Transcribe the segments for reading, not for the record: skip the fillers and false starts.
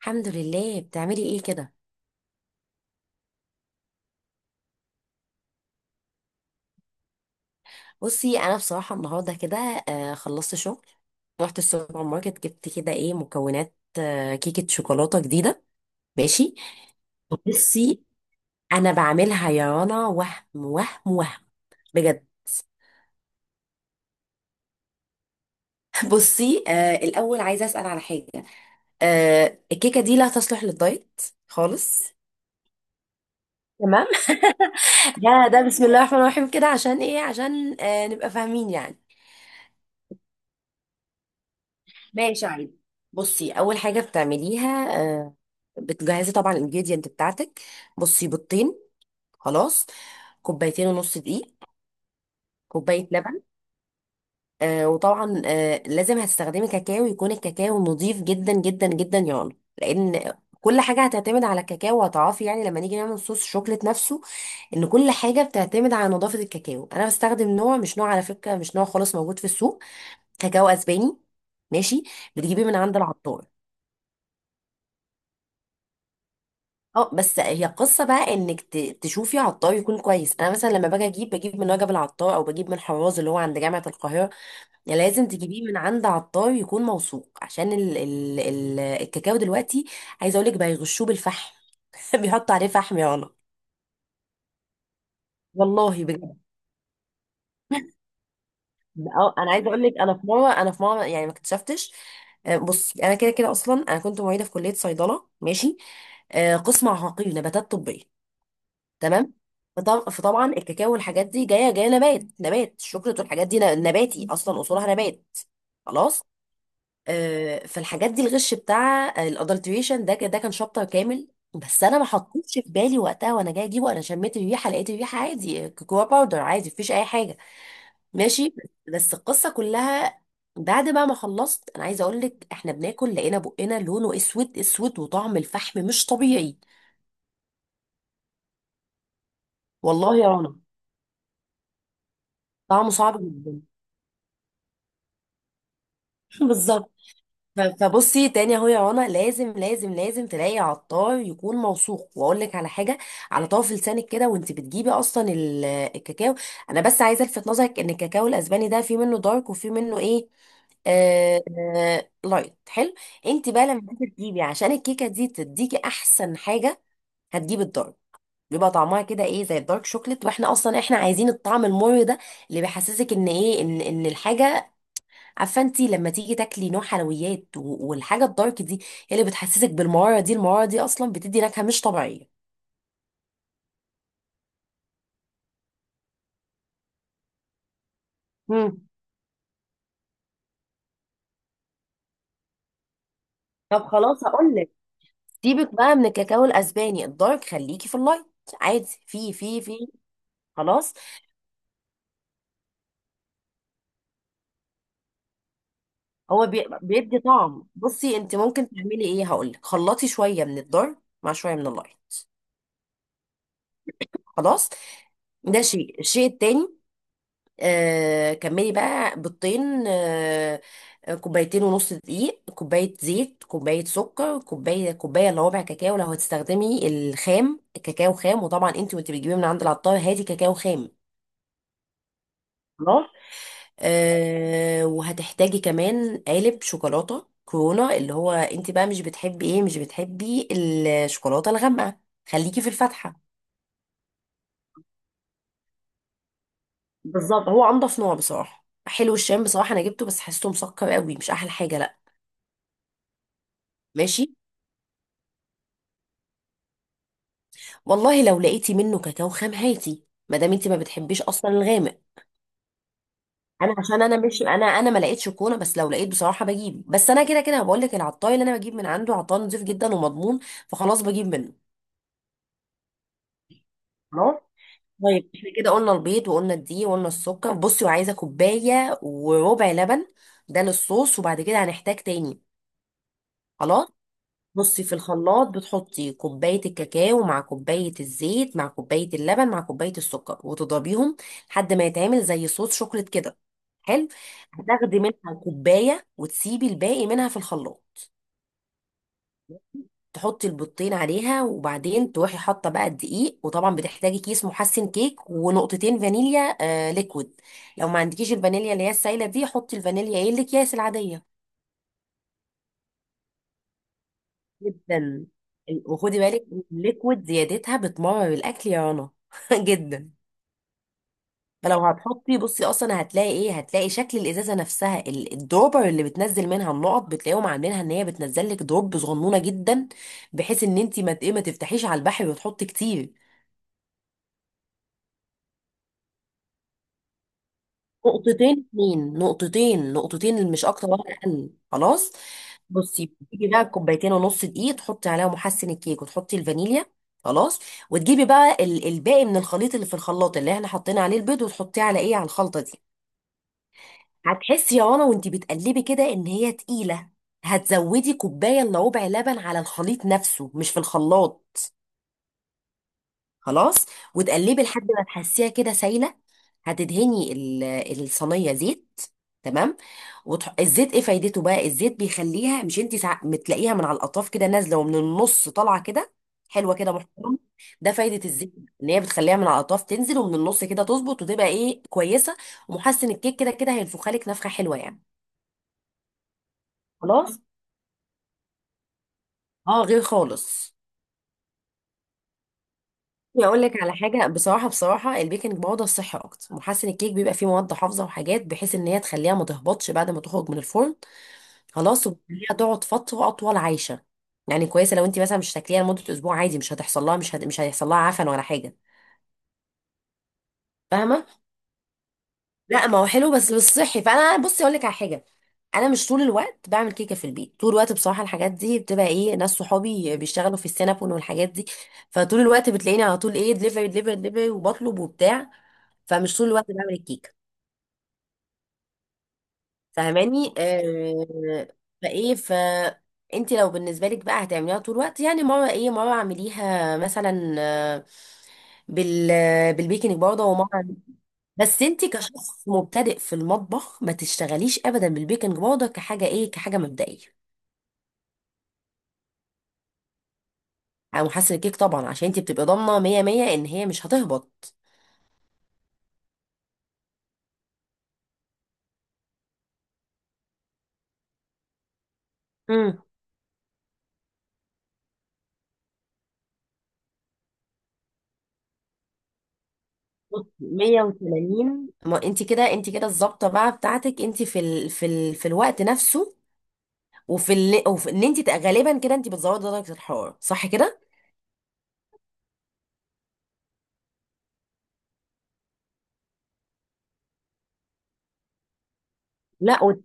الحمد لله. بتعملي ايه كده؟ بصي انا بصراحه النهارده كده خلصت شغل. رحت السوبر ماركت جبت كده ايه مكونات كيكه شوكولاته جديده. ماشي. بصي انا بعملها يا رنا وهم وهم وهم بجد. بصي الاول عايزه اسال على حاجه. الكيكه دي لا تصلح للدايت خالص. تمام. ده بسم الله الرحمن الرحيم كده عشان ايه عشان نبقى فاهمين يعني. ماشي عادي. بصي اول حاجه بتعمليها، بتجهزي طبعا الانجريدينت بتاعتك. بصي بيضتين. خلاص. كوبايتين ونص دقيق. كوبايه لبن. وطبعا لازم هتستخدمي كاكاو، يكون الكاكاو نظيف جدا جدا جدا يعني، لان كل حاجه هتعتمد على الكاكاو، وهتعرفي يعني لما نيجي نعمل صوص الشوكليت نفسه ان كل حاجه بتعتمد على نظافه الكاكاو. انا بستخدم نوع، مش نوع على فكره، مش نوع خالص موجود في السوق. كاكاو اسباني. ماشي. بتجيبيه من عند العطار. اه، بس هي قصة بقى انك تشوفي عطار يكون كويس. انا مثلا لما باجي اجيب بجيب من وجب العطار او بجيب من حراز اللي هو عند جامعة القاهرة. يعني لازم تجيبيه من عند عطار يكون موثوق عشان ال ال ال الكاكاو دلوقتي. عايزة اقولك بقى يغشوه بالفحم. بيحطوا عليه فحم يا رنا. والله بجد. اه، انا عايزة اقولك، انا في مرة يعني ما اكتشفتش، بصي انا كده كده اصلا انا كنت معيدة في كلية صيدلة. ماشي، قسم عقاقير نباتات طبية. تمام. فطبعا الكاكاو والحاجات دي جايه نبات الشوكولاته والحاجات دي نباتي اصلا، اصولها نبات. خلاص، فالحاجات دي الغش بتاع الادلتريشن ده ده كان شابتر كامل. بس انا ما حطيتش في بالي وقتها، وانا جايه اجيبه انا شميت الريحه، لقيت الريحه عادي كوكو باودر عادي، مفيش اي حاجه. ماشي. بس القصه كلها بعد بقى ما خلصت، انا عايزه اقول لك احنا بناكل لقينا بقنا لونه اسود اسود، وطعم الفحم مش طبيعي. والله يا رنا طعمه صعب جدا. بالظبط. فبصي تاني اهو يا رنا، لازم لازم لازم تلاقي عطار يكون موثوق. واقول لك على حاجه، على طرف لسانك كده وانت بتجيبي اصلا الكاكاو. انا بس عايزه الفت نظرك ان الكاكاو الاسباني ده في منه دارك وفي منه ايه، آه، آه لايت حلو. انت بقى لما تيجي تجيبي عشان الكيكه دي تديكي احسن حاجه، هتجيبي الدارك. بيبقى طعمها كده ايه زي الدارك شوكليت، واحنا اصلا احنا عايزين الطعم المر ده اللي بيحسسك ان ايه ان ان الحاجه. عارفه انت لما تيجي تاكلي نوع حلويات والحاجه الدارك دي، هي اللي بتحسسك بالمراره دي. المراره دي اصلا بتدي نكهه مش طبيعيه. مم. طب خلاص هقول لك. سيبك بقى من الكاكاو الاسباني الدارك، خليكي في اللايت. عادي. في. خلاص. بيدي طعم. بصي انت ممكن تعملي ايه، هقول لك، خلطي شويه من الدارك مع شويه من اللايت. خلاص. ده شيء. الشيء التاني، كملي بقى. بيضتين، كوبايتين ونص دقيق، كوباية زيت، كوباية سكر، كوباية الا ربع كاكاو. لو هتستخدمي الخام، كاكاو خام. وطبعا انت وانت بتجيبيه من عند العطار هاتي كاكاو خام. خلاص. وهتحتاجي كمان قالب شوكولاتة كورونا. اللي هو انت بقى مش بتحبي ايه، مش بتحبي الشوكولاتة الغامقة، خليكي في الفاتحة. بالظبط، هو انضف نوع بصراحة. حلو الشام بصراحة، انا جبته بس حسيته مسكر قوي، مش احلى حاجة، لا. ماشي. والله لو لقيتي منه كاكاو خام هاتي، ما دام انت ما بتحبيش اصلا الغامق. انا عشان انا مش انا ما لقيتش كونه، بس لو لقيت بصراحه بجيب. بس انا كده كده بقول لك، العطاي اللي انا بجيب من عنده عطاي نضيف جدا ومضمون، فخلاص بجيب منه. خلاص. طيب احنا كده قلنا البيض وقلنا الدقيق وقلنا السكر. بصي وعايزه كوبايه وربع لبن، ده للصوص. وبعد كده هنحتاج تاني. خلاص. بصي في الخلاط بتحطي كوباية الكاكاو مع كوباية الزيت مع كوباية اللبن مع كوباية السكر، وتضربيهم لحد ما يتعمل زي صوص شوكليت كده. حلو. هتاخدي منها كوباية وتسيبي الباقي منها في الخلاط. تحطي البيضتين عليها، وبعدين تروحي حاطة بقى الدقيق، وطبعا بتحتاجي كيس محسن كيك ونقطتين فانيليا آه ليكويد. لو ما عندكيش الفانيليا اللي هي السايلة دي، حطي الفانيليا ايه الأكياس العادية. جدا. وخدي بالك، الليكويد زيادتها بتمرر الاكل يا رنا. جدا. فلو هتحطي بصي اصلا هتلاقي ايه، هتلاقي شكل الازازه نفسها، الدروبر اللي بتنزل منها النقط، بتلاقيهم عاملينها ان هي بتنزل لك دروب صغنونه جدا، بحيث ان انت ما ت- إيه، ما تفتحيش على البحر وتحطي كتير. نقطتين، اتنين نقطتين، مش اكتر ولا اقل، خلاص. بصي بتجيبي بقى كوبايتين ونص دقيق، تحطي عليها محسن الكيك وتحطي الفانيليا. خلاص. وتجيبي بقى الباقي من الخليط اللي في الخلاط، اللي احنا حطينا عليه البيض، وتحطيه على ايه على الخلطه دي. هتحسي يا رنا وانتي بتقلبي كده ان هي تقيله. هتزودي كوبايه الا ربع لبن على الخليط نفسه، مش في الخلاط. خلاص. وتقلبي لحد ما تحسيها كده سايله. هتدهني الصينيه زيت. تمام. الزيت ايه فايدته بقى؟ الزيت بيخليها، مش بتلاقيها من على الاطراف كده نازله ومن النص طالعه كده، حلوه كده محترمه. ده فايده الزيت، ان هي بتخليها من على الاطراف تنزل ومن النص كده تظبط وتبقى ايه كويسه. ومحسن الكيك كده كده هينفخها لك نفخه حلوه يعني. خلاص. اه، غير خالص. اقول لك على حاجه بصراحه، بصراحه البيكنج باودر صحي اكتر. محسن الكيك بيبقى فيه مواد حافظه وحاجات، بحيث ان هي تخليها ما تهبطش بعد ما تخرج من الفرن. خلاص، وتخليها تقعد فتره اطول عايشه. يعني كويسه، لو انت مثلا مش تاكليها لمده اسبوع عادي مش هتحصل لها، مش هيحصل لها عفن ولا حاجه. فاهمه. لا ما هو حلو بس مش صحي. فانا بصي اقول لك على حاجه، انا مش طول الوقت بعمل كيكه في البيت. طول الوقت بصراحه الحاجات دي بتبقى ايه، ناس صحابي بيشتغلوا في السينابون والحاجات دي. فطول الوقت بتلاقيني على طول ايه، دليفري دليفري دليفري، وبطلب وبتاع. فمش طول الوقت بعمل الكيكه. فاهماني آه؟ فايه ف انت لو بالنسبه لك بقى هتعمليها طول الوقت، يعني مره ايه، مره اعمليها مثلا، بال بالبيكنج باودر ومره. بس انت كشخص مبتدئ في المطبخ ما تشتغليش ابدا بالبيكنج باودر كحاجه ايه كحاجه مبدئيه. او حاسه الكيك طبعا عشان انت بتبقي ضامنه 100 100 ان هي مش هتهبط. امم. بصي، 180. ما انت كده، انت كده الظابطه بقى بتاعتك انت في الوقت نفسه، وفي اللي، وفي ان انت غالبا كده انت بتزودي درجه الحراره صح كده. لا وت-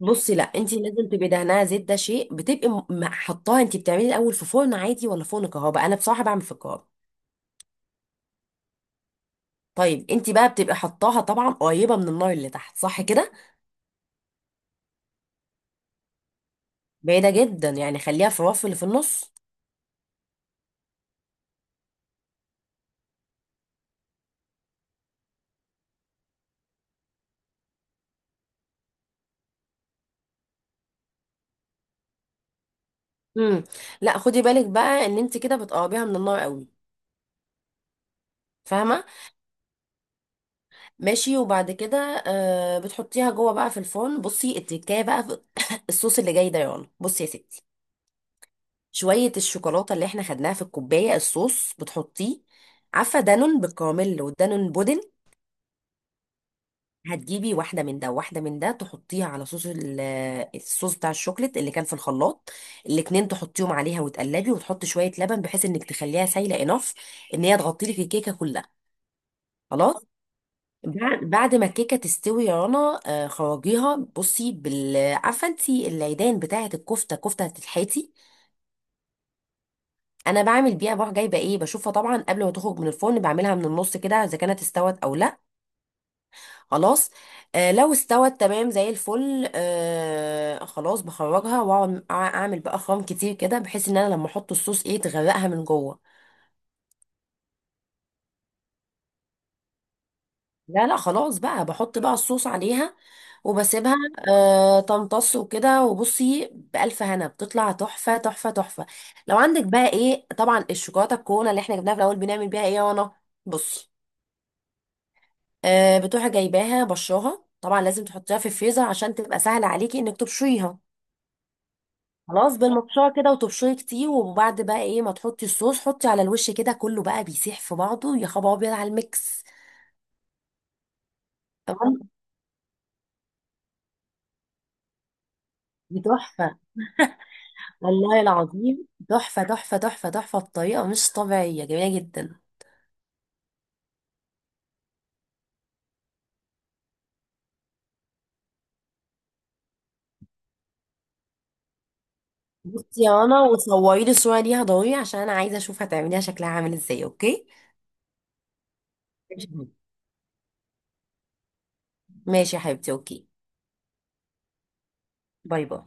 بصي لا، انت لازم تبقي دهنها زيت، ده شيء. بتبقي حطاها. انت بتعملي الاول في فرن عادي ولا فرن كهرباء؟ انا بصراحه بعمل في الكهرباء. طيب انت بقى بتبقي حطاها طبعا قريبه من النار اللي تحت صح كده. بعيده جدا، يعني خليها في الرف اللي في النص. امم. لا، خدي بالك بقى ان انت كده بتقربيها من النار قوي. فاهمه. ماشي. وبعد كده آه بتحطيها جوه بقى في الفرن. بصي التكايه بقى في الصوص اللي جاي ده يا رنا، بصي يا ستي، شوية الشوكولاتة اللي احنا خدناها في الكوباية الصوص بتحطيه. عارفة دانون بالكراميل ودانون بودن؟ هتجيبي واحدة من ده وواحدة من ده، تحطيها على صوص الصوص بتاع الشوكليت اللي كان في الخلاط. الاتنين تحطيهم عليها وتقلبي، وتحطي شوية لبن بحيث انك تخليها سايلة، انف ان هي تغطي لك الكيكة كلها. خلاص. بعد ما الكيكة تستوي يا رنا، خرجيها. بصي بال، عارفة انتي العيدان بتاعة الكفتة، كفتة الحيتي؟ انا بعمل بيها، بروح جايبه ايه بشوفها طبعا قبل ما تخرج من الفرن بعملها من النص كده اذا كانت استوت او لا. خلاص لو استوت تمام زي الفل، خلاص بخرجها واقعد اعمل بقى خرام كتير كده، بحيث ان انا لما احط الصوص ايه تغرقها من جوه. لا لا، خلاص بقى بحط بقى الصوص عليها وبسيبها آه تمتص وكده. وبصي بألف هنا بتطلع تحفة تحفة تحفة. لو عندك بقى ايه طبعا الشوكولاتة الكونه اللي احنا جبناها في الأول، بنعمل بيها ايه يا رنا؟ بصي، بتروحي جايباها بشراها طبعا لازم تحطيها في الفريزر عشان تبقى سهل عليكي انك تبشريها. خلاص بالمبشره كده، وتبشري كتير. وبعد بقى ايه ما تحطي الصوص، حطي على الوش كده كله بقى بيسيح في بعضه. يا خبر ابيض على الميكس. تمام. دي تحفه والله العظيم. تحفه تحفه تحفه تحفه بطريقه مش طبيعيه، جميله جدا. بصي يا رنا وصوري لي الصوره ليها ضروري، عشان انا عايزه اشوف هتعمليها شكلها عامل ازاي. اوكي. ماشي يا حبيبتي، اوكي. باي باي.